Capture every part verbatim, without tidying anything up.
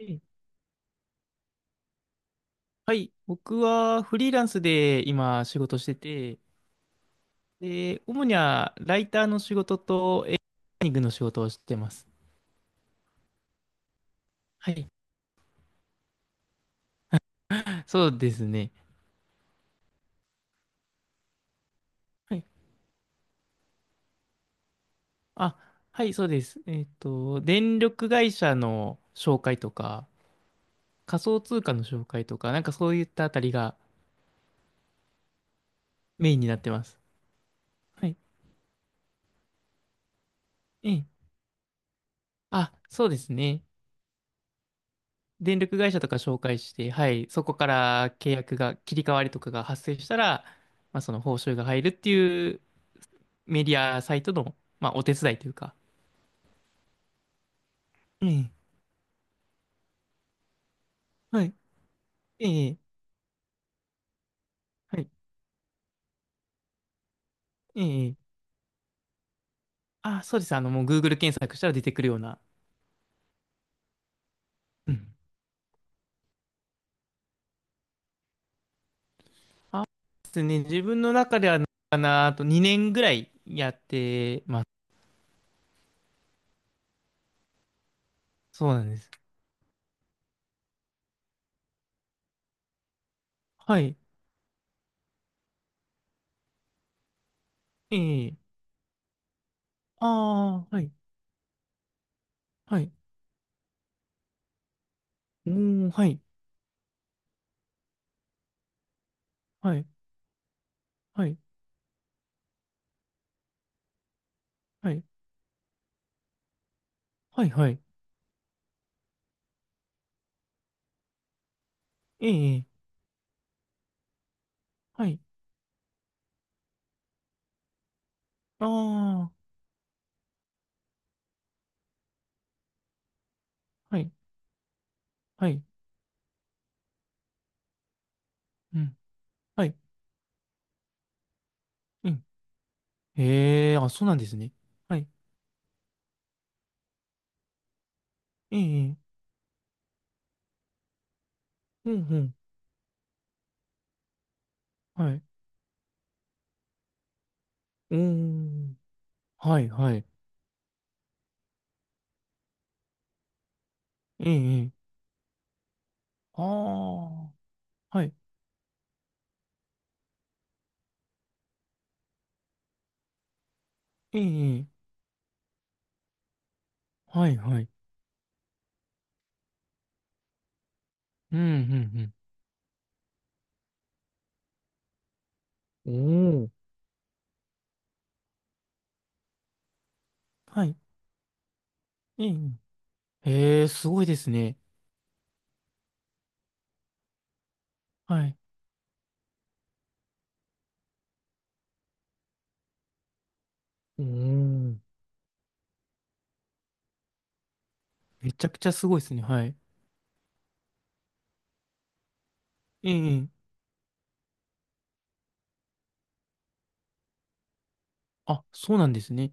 えはい、僕はフリーランスで今仕事してて、で、主にはライターの仕事とエンジニアリングの仕事をしてます。はい、そうですね。はい、あ、はい、そうです。えっと、電力会社の紹介とか、仮想通貨の紹介とか、なんかそういったあたりがメインになってます。はい、ええ。あ、そうですね。電力会社とか紹介して、はい、そこから契約が、切り替わりとかが発生したら、まあ、その報酬が入るっていうメディアサイトの、まあ、お手伝いというか。ええ、はい、ええ、はい、ええ。あ、そうです。あの、もう Google 検索したら出てくるような。うん。ですね。自分の中では、かな、あとにねんぐらいやってます。そうなんです。はい、ええ。ああ、はい、はい。おー、はい、はい、はい、はい、はい、はい。ええ、はい。ああ、はい、はい、うん、はい、うん。へえ、あ、そうなんですね。はい、ええ、うん、うん、はい。うーん。はいはい。ええ、ええ。ああ。はい。ええ、ええ。はいはい。うん、うん、うん。おお。はい。ええ、ええ。へえ、すごいですね。はい。うーん。めちゃくちゃすごいですね。はい。ええ、ええ。あ、そうなんですね。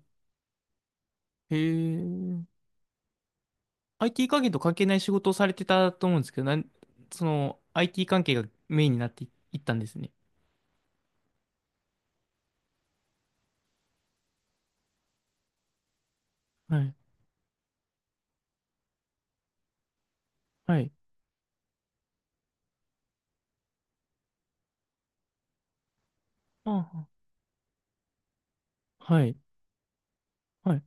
へえ。アイティー 関係と関係ない仕事をされてたと思うんですけど、なん、その、アイティー 関係がメインになっていいったんですね。はい。はい。ああ。はい。はい。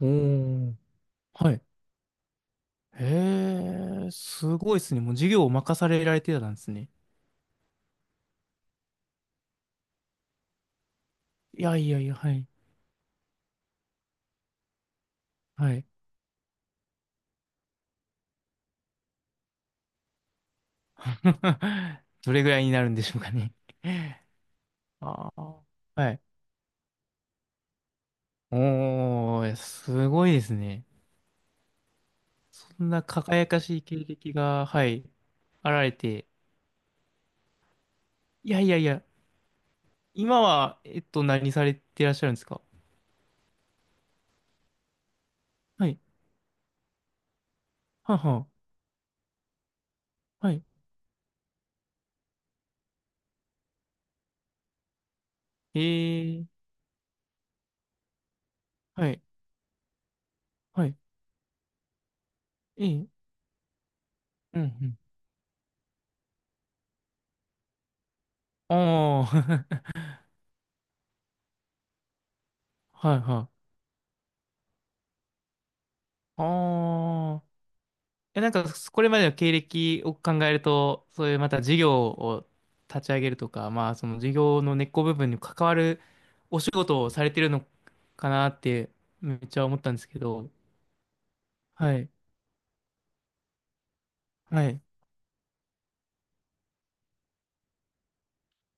おお。はい。へえ、すごいですね。もう授業を任されられてたんですね。いやいやいや、はい。はい。どれぐらいになるんでしょうかね。ああ。はい。おー、すごいですね。そんな輝かしい経歴が、はい、あられて。いやいやいや、今は、えっと、何されてらっしゃるんですか？はい。はは。はい。ええ、はい。はい。ええ、うん、うん。ああ、はい、はい。ああ。や、なんか、これまでの経歴を考えると、そういうまた事業を立ち上げるとか、まあ、その事業の根っこ部分に関わるお仕事をされてるのかなって、めっちゃ思ったんですけど、はい、はい、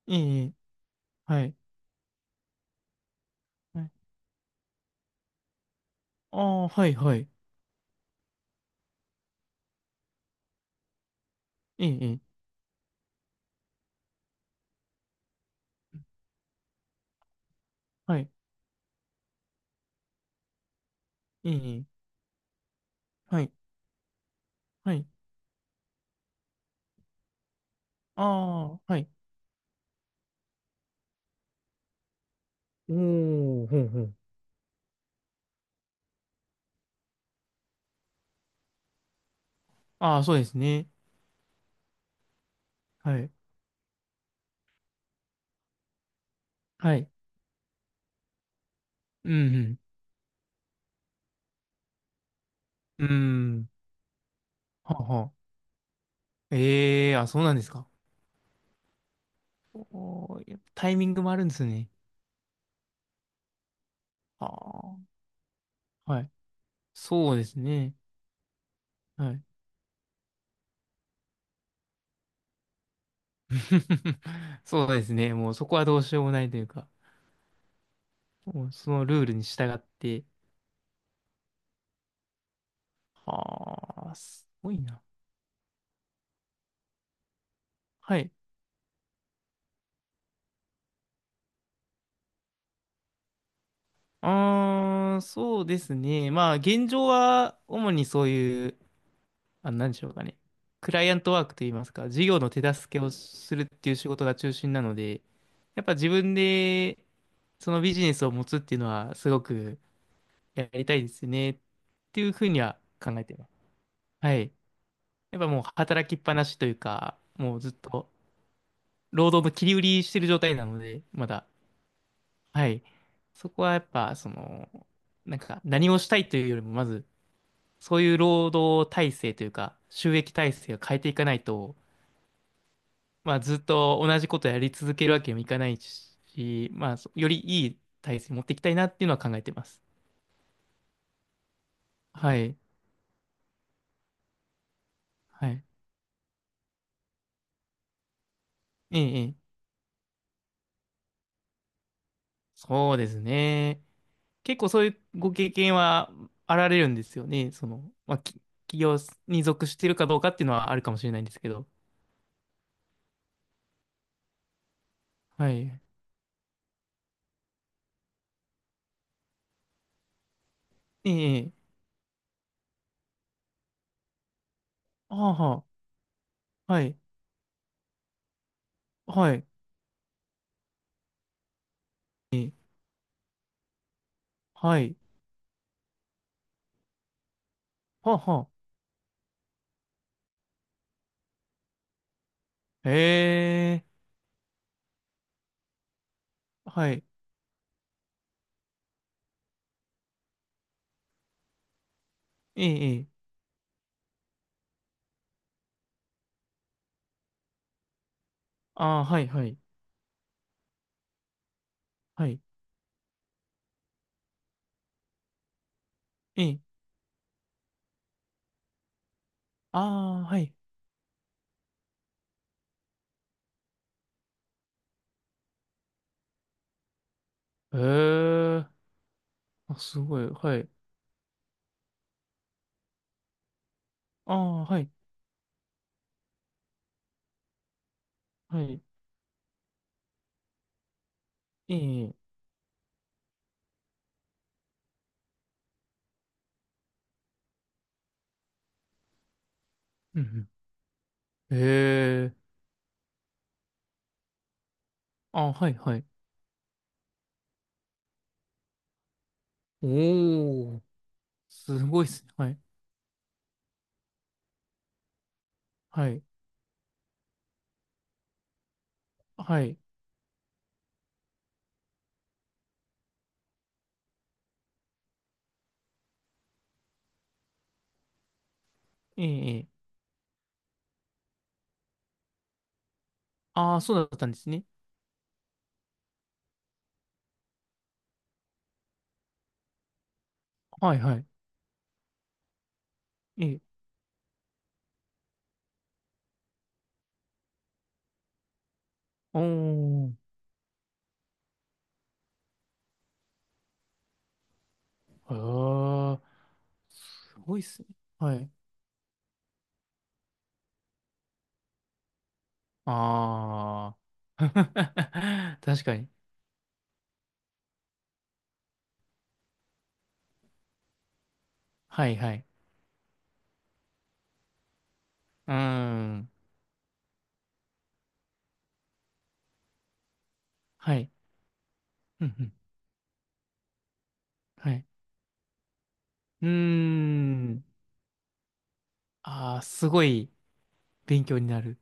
いい、いいはい、はいああ、はい、はい、いい、いいはい、いい、いいはい、はい、ああ、はい、おお、ほうほう。ああ、そうですね。はい、はい、うん、うん、うん、はあはあ。ええあ、そうなんですか。おー、やっぱタイミングもあるんですね。ああ、はい。そうですね。はい。そうですね。もうそこはどうしようもないというか、もうそのルールに従って。ああ、すごいな。はい。ああ、そうですね。まあ、現状は主にそういう、あ、なんでしょうかね。クライアントワークといいますか、事業の手助けをするっていう仕事が中心なので、やっぱ自分でそのビジネスを持つっていうのはすごくやりたいですねっていうふうには考えてます。はい。やっぱもう働きっぱなしというか、もうずっと労働の切り売りしてる状態なので、まだ。はい。そこはやっぱ、その、なんか何をしたいというよりも、まず、そういう労働体制というか、収益体制を変えていかないと、まあずっと同じことやり続けるわけにもいかないし、まあ、そよりいい体制持っていきたいなっていうのは考えてます。はい。はい。ええ、ええそうですね。結構そういうご経験はあられるんですよね。その、まあ、き企業に属してるかどうかっていうのはあるかもしれないんですけど。はい。ええ。はあはあ。はい。はい。ええはい。はあはあ。へえ。はい。ええ。ええああ、はい、はい。はい。ええ。ああ、はい。へえ。あ、すごい。はい。ああ、はい。はい。ええ。うんうん。へえ。ああ、はい、はい。おお。すごいっすね。はい。はい。はい。ええ、ええ。ああ、そうだったんですね。はい、はい。ええ。おー。ああ、すごいっすね。はい。ああ。確かに。はい、はい。うーん。はい。うん、うん。はい。うーん。ああ、すごい勉強になる。